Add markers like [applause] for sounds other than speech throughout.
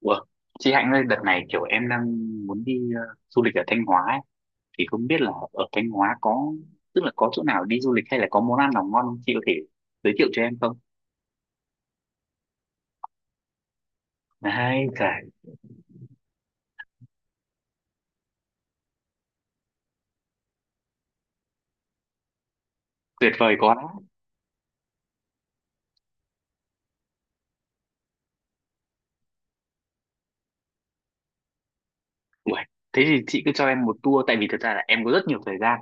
Ủa, chị Hạnh ơi, đợt này kiểu em đang muốn đi du lịch ở Thanh Hóa ấy. Thì không biết là ở Thanh Hóa có, tức là có chỗ nào đi du lịch hay là có món ăn nào ngon không? Chị có thể giới thiệu cho em không? Đấy, trời, tuyệt vời quá. Ủa, thế thì chị cứ cho em một tour, tại vì thật ra là em có rất nhiều thời gian.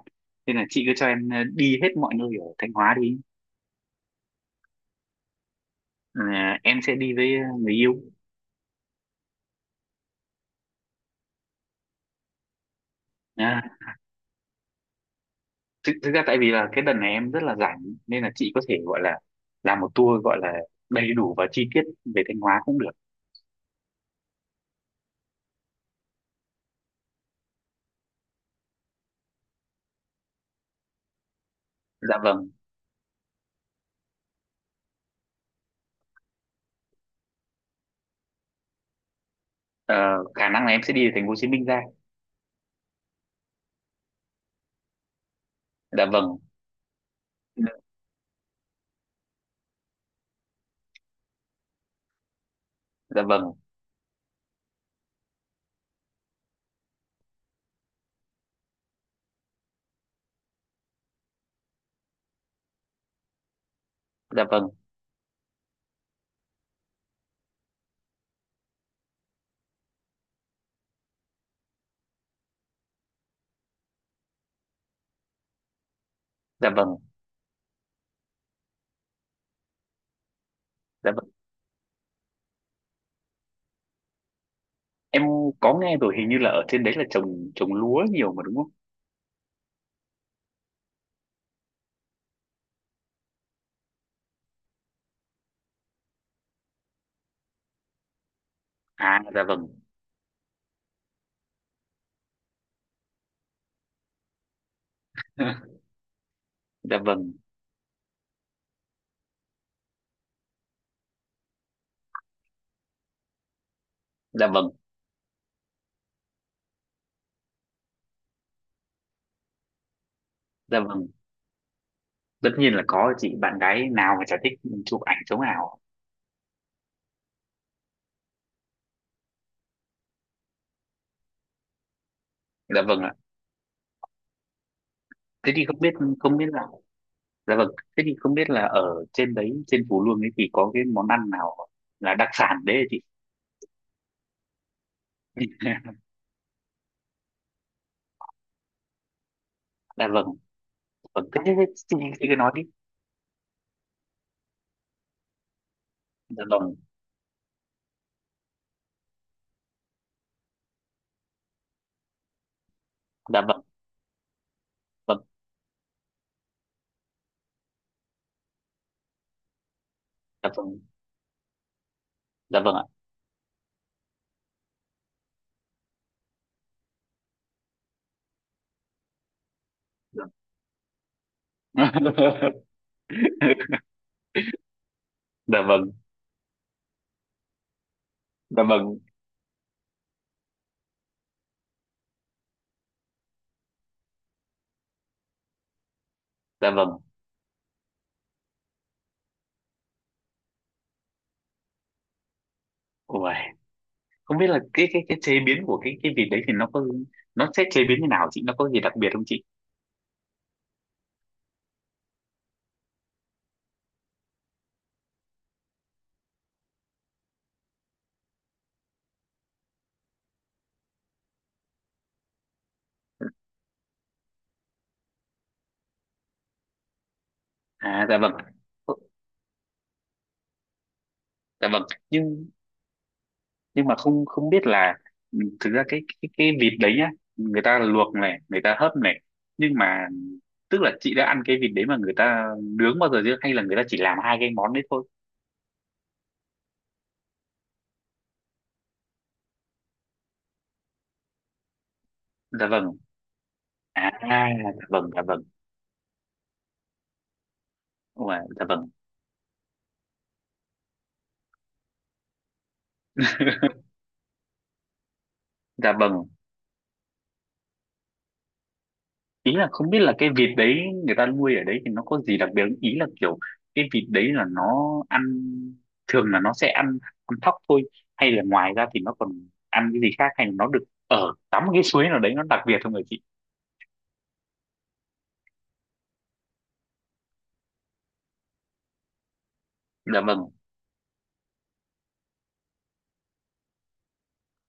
Nên là chị cứ cho em đi hết mọi nơi ở Thanh Hóa đi. Ờ, em sẽ đi với người yêu. À, thực ra tại vì là cái đợt này em rất là rảnh nên là chị có thể gọi là làm một tour gọi là đầy đủ và chi tiết về Thanh Hóa cũng được. Dạ vâng. Ờ, khả năng là em sẽ đi từ thành phố Hồ Chí Minh ra. Dạ vâng. Dạ vâng. Dạ vâng. Dạ vâng. Dạ vâng. Em có nghe rồi, hình như là ở trên đấy là trồng trồng lúa nhiều mà đúng không? À, dạ vâng. [laughs] dạ vâng. Dạ vâng. Dạ vâng. Tất nhiên là có chị, bạn gái nào mà chả thích chụp ảnh chống ảo. Dạ vâng ạ. Thế thì không biết, không biết là, dạ vâng, thế thì không biết là ở trên đấy, trên Phú Luông ấy, thì có cái món ăn nào là đặc sản đấy hả chị? [laughs] dạ vâng. Vâng, thế, thế, thế, chị cứ nói đi. Dạ vâng. Dạ vâng. Vâng. Dạ vâng. Dạ vâng ạ. Dạ. [laughs] Dạ vâng. Dạ vâng. Dạ vâng. Ôi, không biết là cái chế biến của cái vịt đấy thì nó có, nó sẽ chế biến như nào chị, nó có gì đặc biệt không chị? À, dạ vâng. Ờ, dạ vâng. Nhưng nhưng mà không không biết là, thực ra cái vịt đấy nhá, người ta luộc này, người ta hấp này, nhưng mà tức là chị đã ăn cái vịt đấy mà người ta nướng bao giờ chưa, hay là người ta chỉ làm hai cái món đấy thôi? Dạ vâng. À, dạ vâng. Dạ vâng. Ôi, dạ vâng. Dạ vâng. Ý là không biết là cái vịt đấy người ta nuôi ở đấy thì nó có gì đặc biệt không? Ý là kiểu cái vịt đấy là nó ăn, thường là nó sẽ ăn ăn thóc thôi, hay là ngoài ra thì nó còn ăn cái gì khác, hay là nó được ở tắm cái suối nào đấy nó đặc biệt không người chị? Dạ vâng.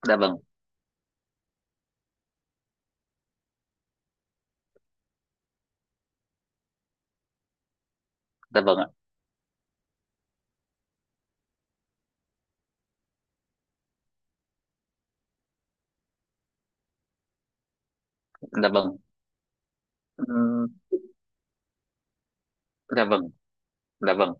Dạ vâng. Dạ vâng ạ. Dạ vâng. Ừm. Dạ vâng. Dạ vâng.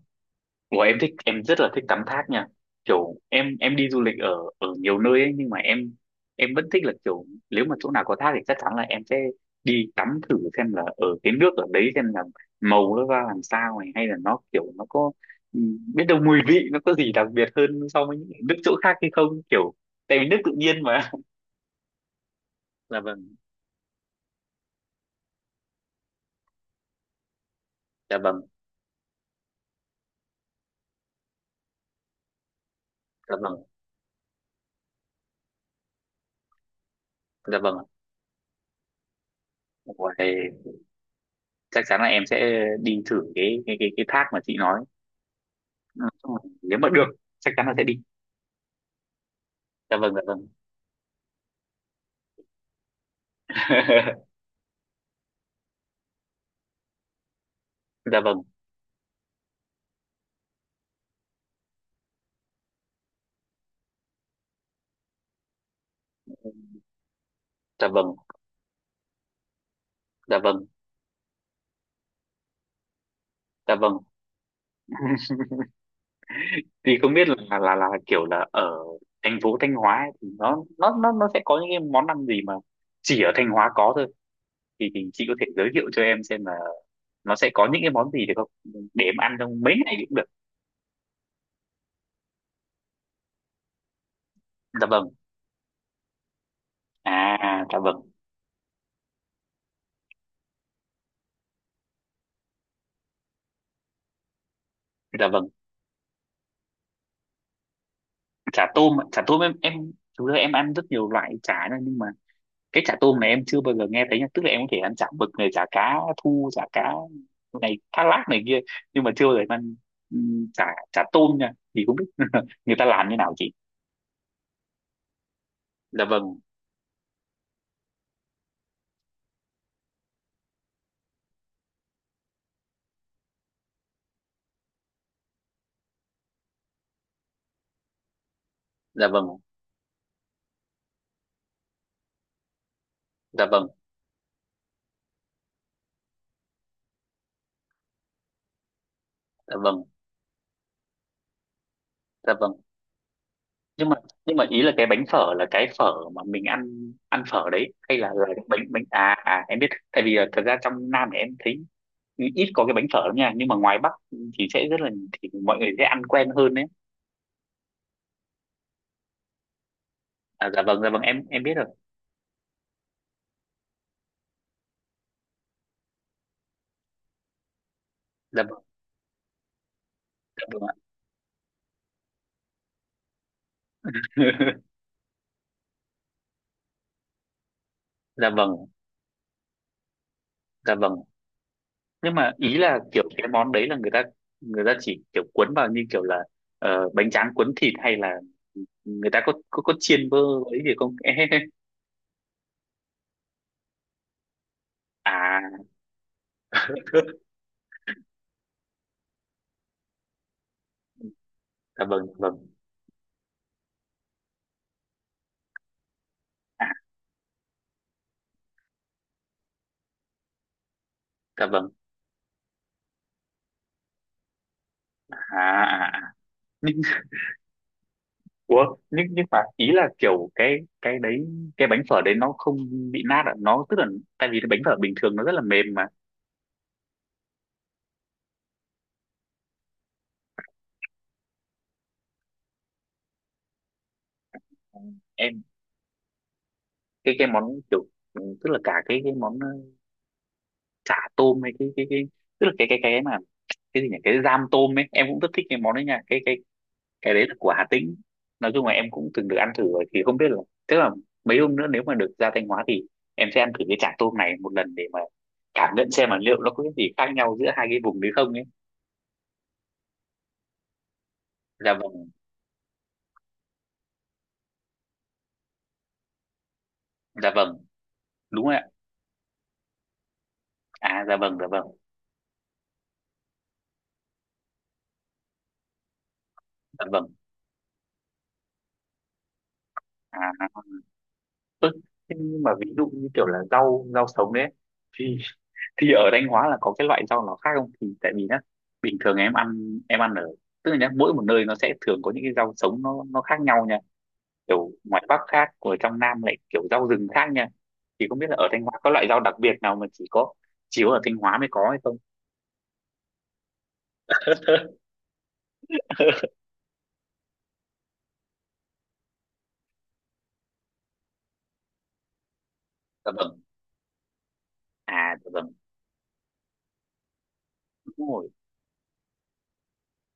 Ủa, em thích em rất là thích tắm thác nha. Kiểu em đi du lịch ở ở nhiều nơi ấy, nhưng mà em vẫn thích là kiểu nếu mà chỗ nào có thác thì chắc chắn là em sẽ đi tắm thử xem là ở cái nước ở đấy, xem là màu nó ra làm sao này, hay là nó kiểu nó có, ừ, biết đâu mùi vị nó có gì đặc biệt hơn so với những nước chỗ khác hay không kiểu, tại vì nước tự nhiên mà. [laughs] dạ vâng. Dạ vâng. Dạ vâng. Dạ vâng. Ủa, thì chắc chắn là em sẽ đi thử cái thác mà chị nói. Ừ, nếu mà được chắc chắn là sẽ đi. Dạ vâng. Dạ vâng. [laughs] dạ vâng. Dạ vâng. Dạ vâng. Dạ vâng. Thì không biết là kiểu là ở thành phố Thanh Hóa ấy, thì nó sẽ có những cái món ăn gì mà chỉ ở Thanh Hóa có thôi, thì chị có thể giới thiệu cho em xem là nó sẽ có những cái món gì được không, để em ăn trong mấy ngày cũng được? Dạ vâng. À, dạ vâng. Dạ vâng. Chả tôm ạ. Chả tôm em thực ra em ăn rất nhiều loại chả nhá, nhưng mà cái chả tôm này em chưa bao giờ nghe thấy nha, tức là em có thể ăn chả mực này, chả cá thu, chả cá này, thác lác này kia, nhưng mà chưa bao giờ em ăn chả chả tôm nha, thì không biết [laughs] người ta làm như nào chị? Dạ vâng. Dạ vâng. Dạ vâng. Dạ vâng. Dạ vâng. Nhưng mà nhưng mà ý là cái bánh phở là cái phở mà mình ăn ăn phở đấy, hay là cái bánh bánh à, à em biết. Tại vì thật ra trong Nam này em thấy ít có cái bánh phở lắm nha, nhưng mà ngoài Bắc thì sẽ rất là, thì mọi người sẽ ăn quen hơn đấy. À, dạ vâng. Dạ vâng. Em biết rồi. Dạ vâng. Dạ vâng. [laughs] dạ vâng. Dạ vâng. Nhưng mà ý là kiểu cái món đấy là người ta chỉ kiểu cuốn vào như kiểu là bánh tráng cuốn thịt, hay là người ta có chiên bơ ấy gì không? [laughs] à, dạ vâng. Dạ vâng. À, dạ vâng. À, à, à. Ủa, nhưng mà ý là kiểu cái đấy, cái bánh phở đấy nó không bị nát à, nó tức là, tại vì cái bánh phở bình thường nó rất là mềm mà. Em cái món kiểu, tức là cả cái món chả tôm, hay cái, tức là cái mà, cái gì nhỉ, cái giam tôm ấy, em cũng rất thích cái món đấy nha, cái đấy là của Hà Tĩnh. Nói chung là em cũng từng được ăn thử rồi, thì không biết là, tức là mấy hôm nữa nếu mà được ra Thanh Hóa thì em sẽ ăn thử cái chả tôm này một lần để mà cảm nhận xem là liệu nó có cái gì khác nhau giữa hai cái vùng đấy không ấy. Dạ vâng. Dạ vâng. Đúng rồi ạ. À, dạ vâng. Dạ vâng. Dạ vâng. À, ớ, thế nhưng mà ví dụ như kiểu là rau rau sống đấy ấy, thì thì ở Thanh Hóa là có cái loại rau nào khác không, thì tại vì nhá bình thường em ăn ở, tức là nhá, mỗi một nơi nó sẽ thường có những cái rau sống nó khác nhau nha, kiểu ngoài Bắc khác ở trong Nam lại kiểu rau rừng khác nha. Thì không biết là ở Thanh Hóa có loại rau đặc biệt nào mà chỉ có ở Thanh Hóa mới có hay không? [laughs] dạ vâng. À, dạ vâng. Đúng rồi,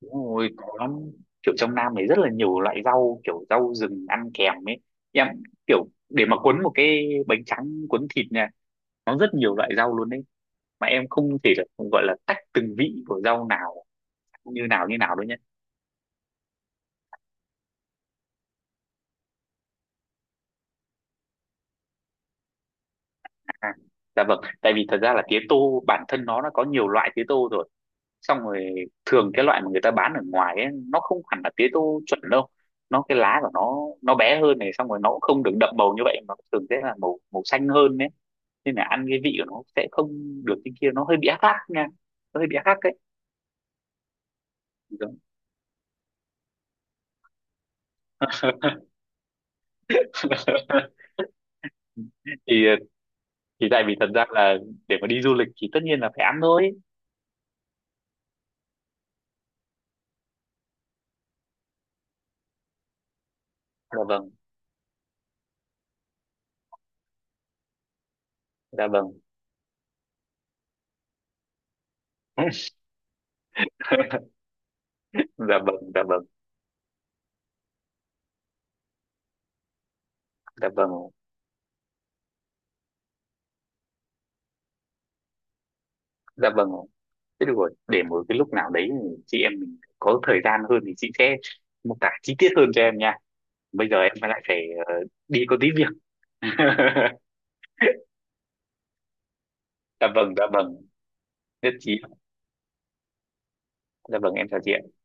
đúng rồi, có lắm, kiểu trong Nam này rất là nhiều loại rau, kiểu rau rừng ăn kèm ấy. Em kiểu để mà cuốn một cái bánh tráng cuốn thịt nha, nó rất nhiều loại rau luôn đấy, mà em không thể là gọi là tách từng vị của rau nào như nào như nào đâu nhé. À, dạ vâng, tại vì thật ra là tía tô bản thân nó đã có nhiều loại tía tô rồi, xong rồi thường cái loại mà người ta bán ở ngoài ấy, nó không hẳn là tía tô chuẩn đâu, nó cái lá của nó bé hơn này, xong rồi nó cũng không được đậm màu như vậy mà thường sẽ là màu màu xanh hơn đấy, nên là ăn cái vị của nó sẽ không được, cái kia nó hơi bị ác ác nha, nó hơi bị ác ác đấy. Đúng. [laughs] thì thì tại vì thật ra là để mà đi du lịch thì tất nhiên là phải ăn thôi. Dạ vâng. Dạ vâng. [laughs] dạ vâng. Dạ vâng. Dạ vâng. Dạ vâng. Thế được rồi, để một cái lúc nào đấy chị em mình có thời gian hơn thì chị sẽ mô tả chi tiết hơn cho em nha, bây giờ em lại phải ờ, đi có tí việc. [laughs] dạ vâng. Dạ vâng. Nhất trí. Dạ vâng, em chào chị.